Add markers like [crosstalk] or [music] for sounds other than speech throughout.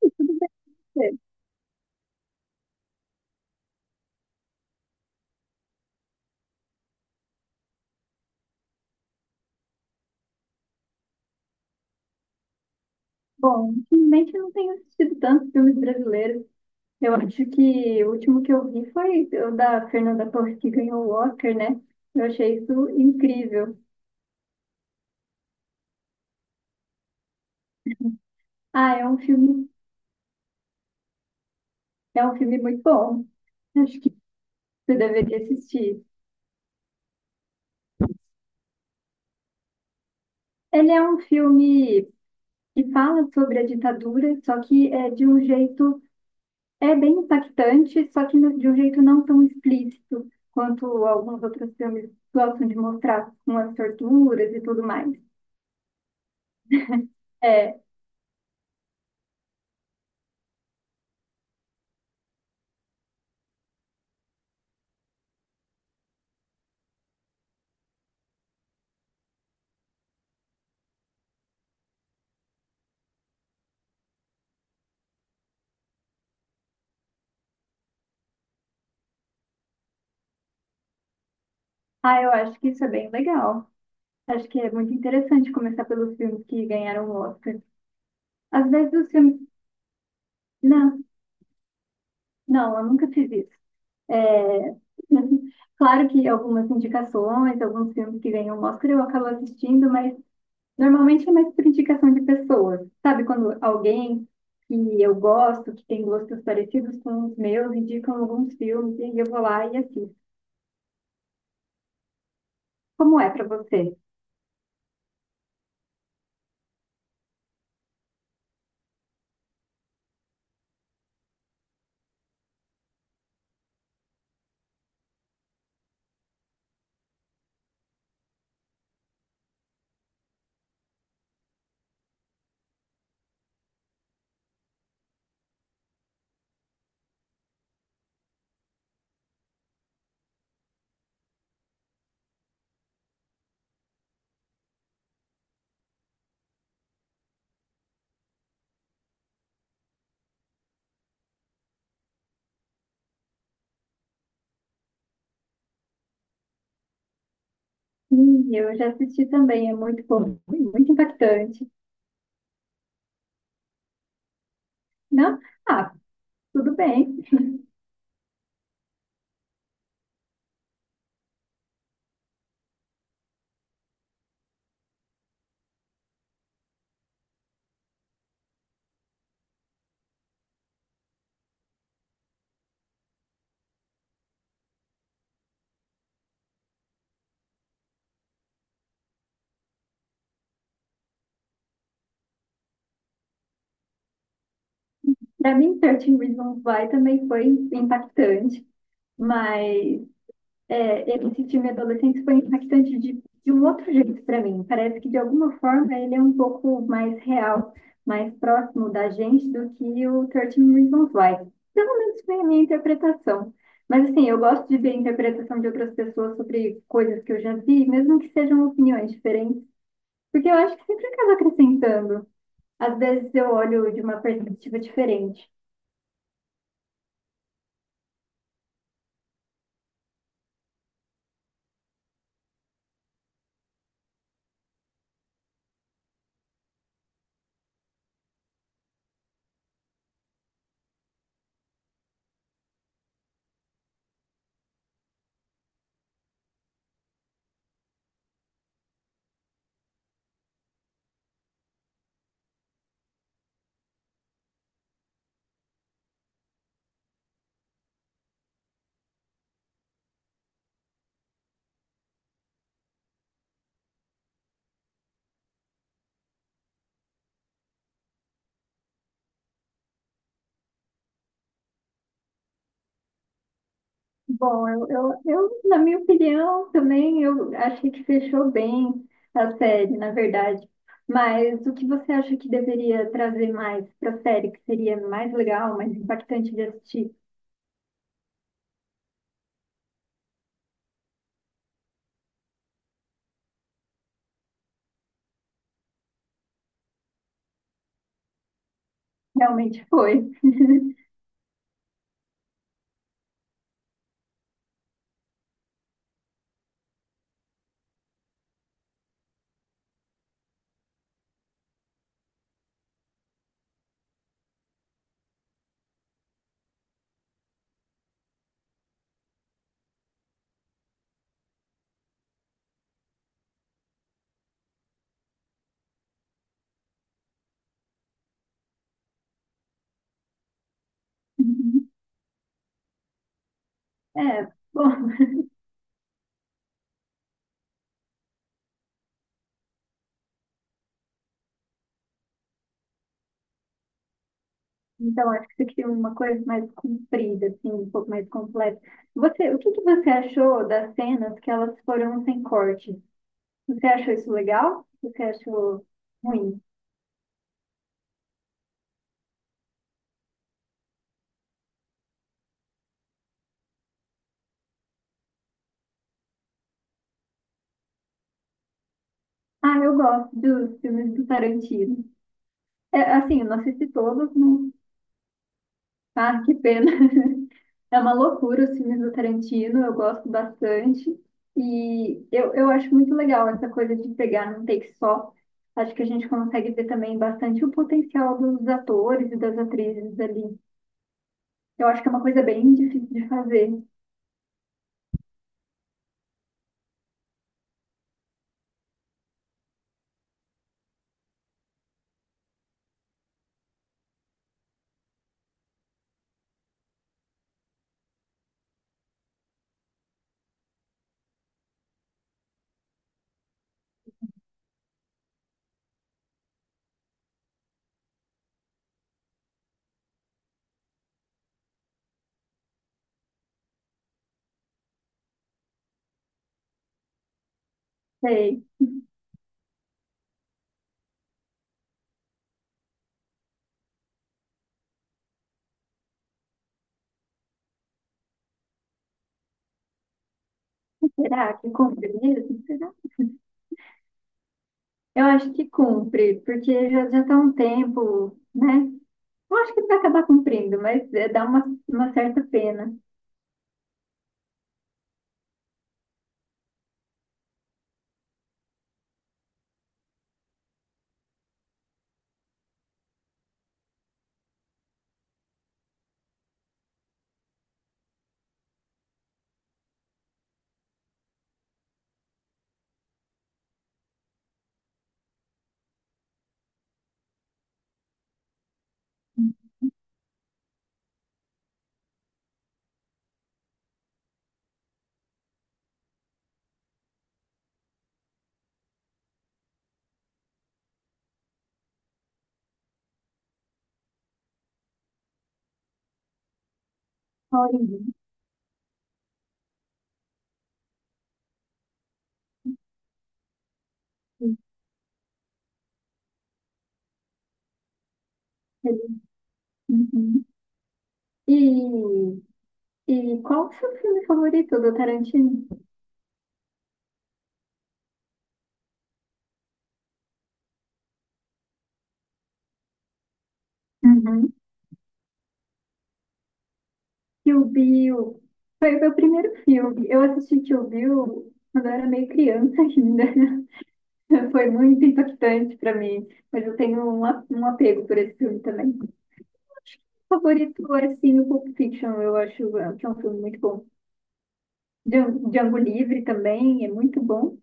Tudo bem. Bom, ultimamente eu não tenho assistido tantos filmes brasileiros. Eu acho que o último que eu vi foi o da Fernanda Torres que ganhou o Oscar, né? Eu achei isso incrível. Ah, é um filme muito bom. Acho que você deveria assistir. Ele é um filme que fala sobre a ditadura, só que é de um jeito é bem impactante, só que de um jeito não tão explícito quanto alguns outros filmes gostam de mostrar, com as torturas e tudo mais. É. Ah, eu acho que isso é bem legal. Acho que é muito interessante começar pelos filmes que ganharam o Oscar. Às vezes os filmes. Não, não, eu nunca fiz isso. É... [laughs] Claro que algumas indicações, alguns filmes que ganham o Oscar eu acabo assistindo, mas normalmente é mais por indicação de pessoas. Sabe, quando alguém que eu gosto, que tem gostos parecidos com os meus, indicam alguns filmes e eu vou lá e assisto. Como é para você? Eu já assisti também, é muito bom, muito impactante. Não? Ah, tudo bem. Para mim, 13 Reasons Why também foi impactante, mas é, esse filme adolescente foi impactante de um outro jeito para mim. Parece que, de alguma forma, ele é um pouco mais real, mais próximo da gente do que o 13 Reasons Why. Pelo menos foi a minha interpretação. Mas, assim, eu gosto de ver a interpretação de outras pessoas sobre coisas que eu já vi, mesmo que sejam opiniões diferentes, porque eu acho que sempre acaba acrescentando. Às vezes eu olho de uma perspectiva diferente. Bom, eu, na minha opinião, também eu achei que fechou bem a série, na verdade. Mas o que você acha que deveria trazer mais para a série, que seria mais legal, mais impactante de assistir? Realmente foi. [laughs] Uhum. É, bom, [laughs] então acho que você queria uma coisa mais comprida, assim, um pouco mais completa. Você, o que que você achou das cenas que elas foram sem corte? Você achou isso legal? Você achou ruim? Ah, eu gosto dos filmes do Tarantino. É, assim, eu não assisti todos, não. Ah, que pena. [laughs] É uma loucura os filmes do Tarantino, eu gosto bastante. E eu acho muito legal essa coisa de pegar num take só. Acho que a gente consegue ver também bastante o potencial dos atores e das atrizes ali. Eu acho que é uma coisa bem difícil de fazer. Sei. Será que combina mesmo? Eu acho que cumpre, porque já já está um tempo, né? Eu acho que ele vai acabar cumprindo, mas é, dá uma certa pena. Olha, ele- uhum. E, e qual o seu filme favorito do Tarantino? Uhum. Kill Bill. Foi o meu primeiro filme. Eu assisti Kill Bill quando eu era meio criança ainda. [laughs] Foi muito impactante para mim, mas eu tenho um apego por esse filme também. Favorito é sim o Pulp Fiction, eu acho é, que é um filme muito bom. Django Livre também é muito bom.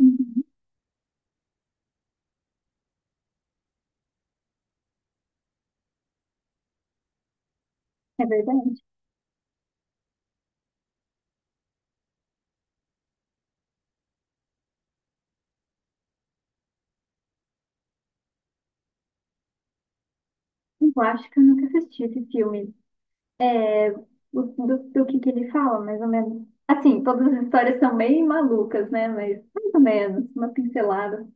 Uhum. É verdade. Eu acho que eu nunca assisti esse filme. É, do que ele fala, mais ou menos. Assim, todas as histórias são meio malucas, né? Mas mais ou menos, uma pincelada.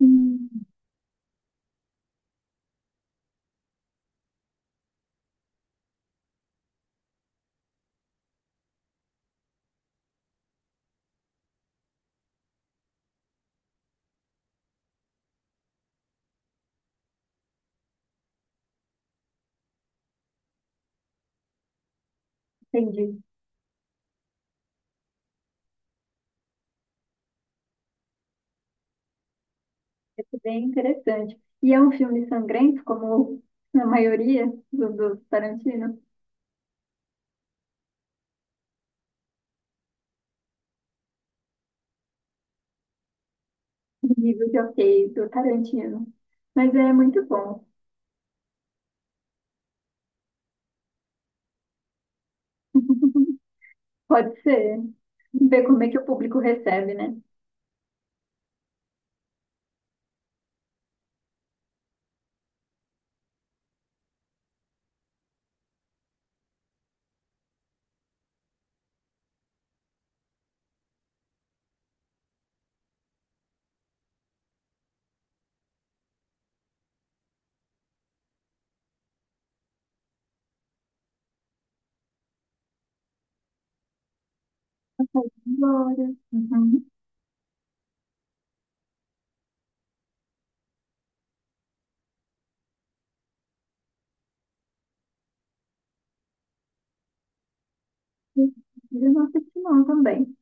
Hum. Entendi. Isso é bem interessante. E é um filme sangrento, como a maioria do Tarantino, nível de ok do Tarantino. Mas é muito bom. [laughs] Pode ser. Ver como é que o público recebe, né? Nossa, Glória. Uhum. Eu não assisti não também.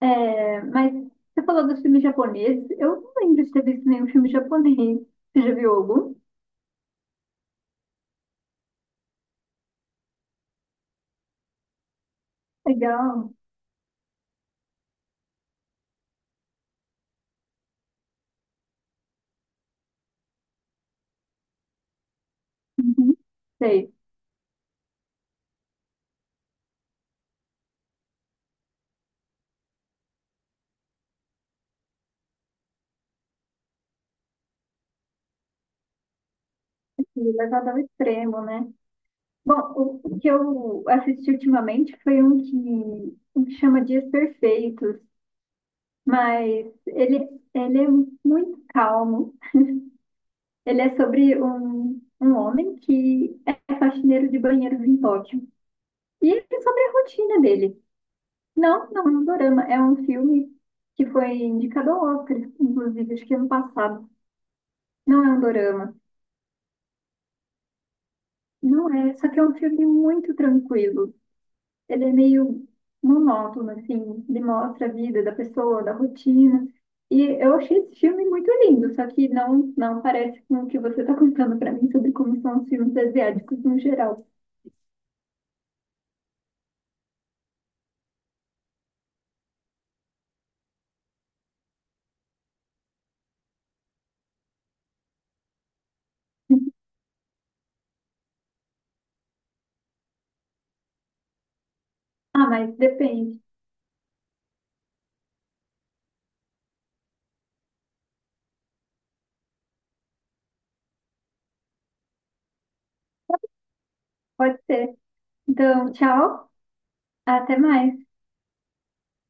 É, mas você falou dos filmes japoneses. Eu não lembro de ter visto nenhum filme japonês. Você já viu algum? Legal. Uhum. Sei. E levado ao extremo, né? Bom, o que eu assisti ultimamente foi um que chama Dias Perfeitos, mas ele é muito calmo. Ele é sobre um homem que é faxineiro de banheiros em Tóquio. E ele é sobre a rotina dele. Não, não é um dorama. É um filme que foi indicado ao Oscar, inclusive, acho que ano passado. Não é um dorama. Não é, só que é um filme muito tranquilo. Ele é meio monótono, assim. Ele mostra a vida da pessoa, da rotina. E eu achei esse filme muito lindo, só que não parece com o que você está contando para mim sobre como são os filmes asiáticos no geral. Ah, mas depende. Pode ser. Então, tchau. Até mais.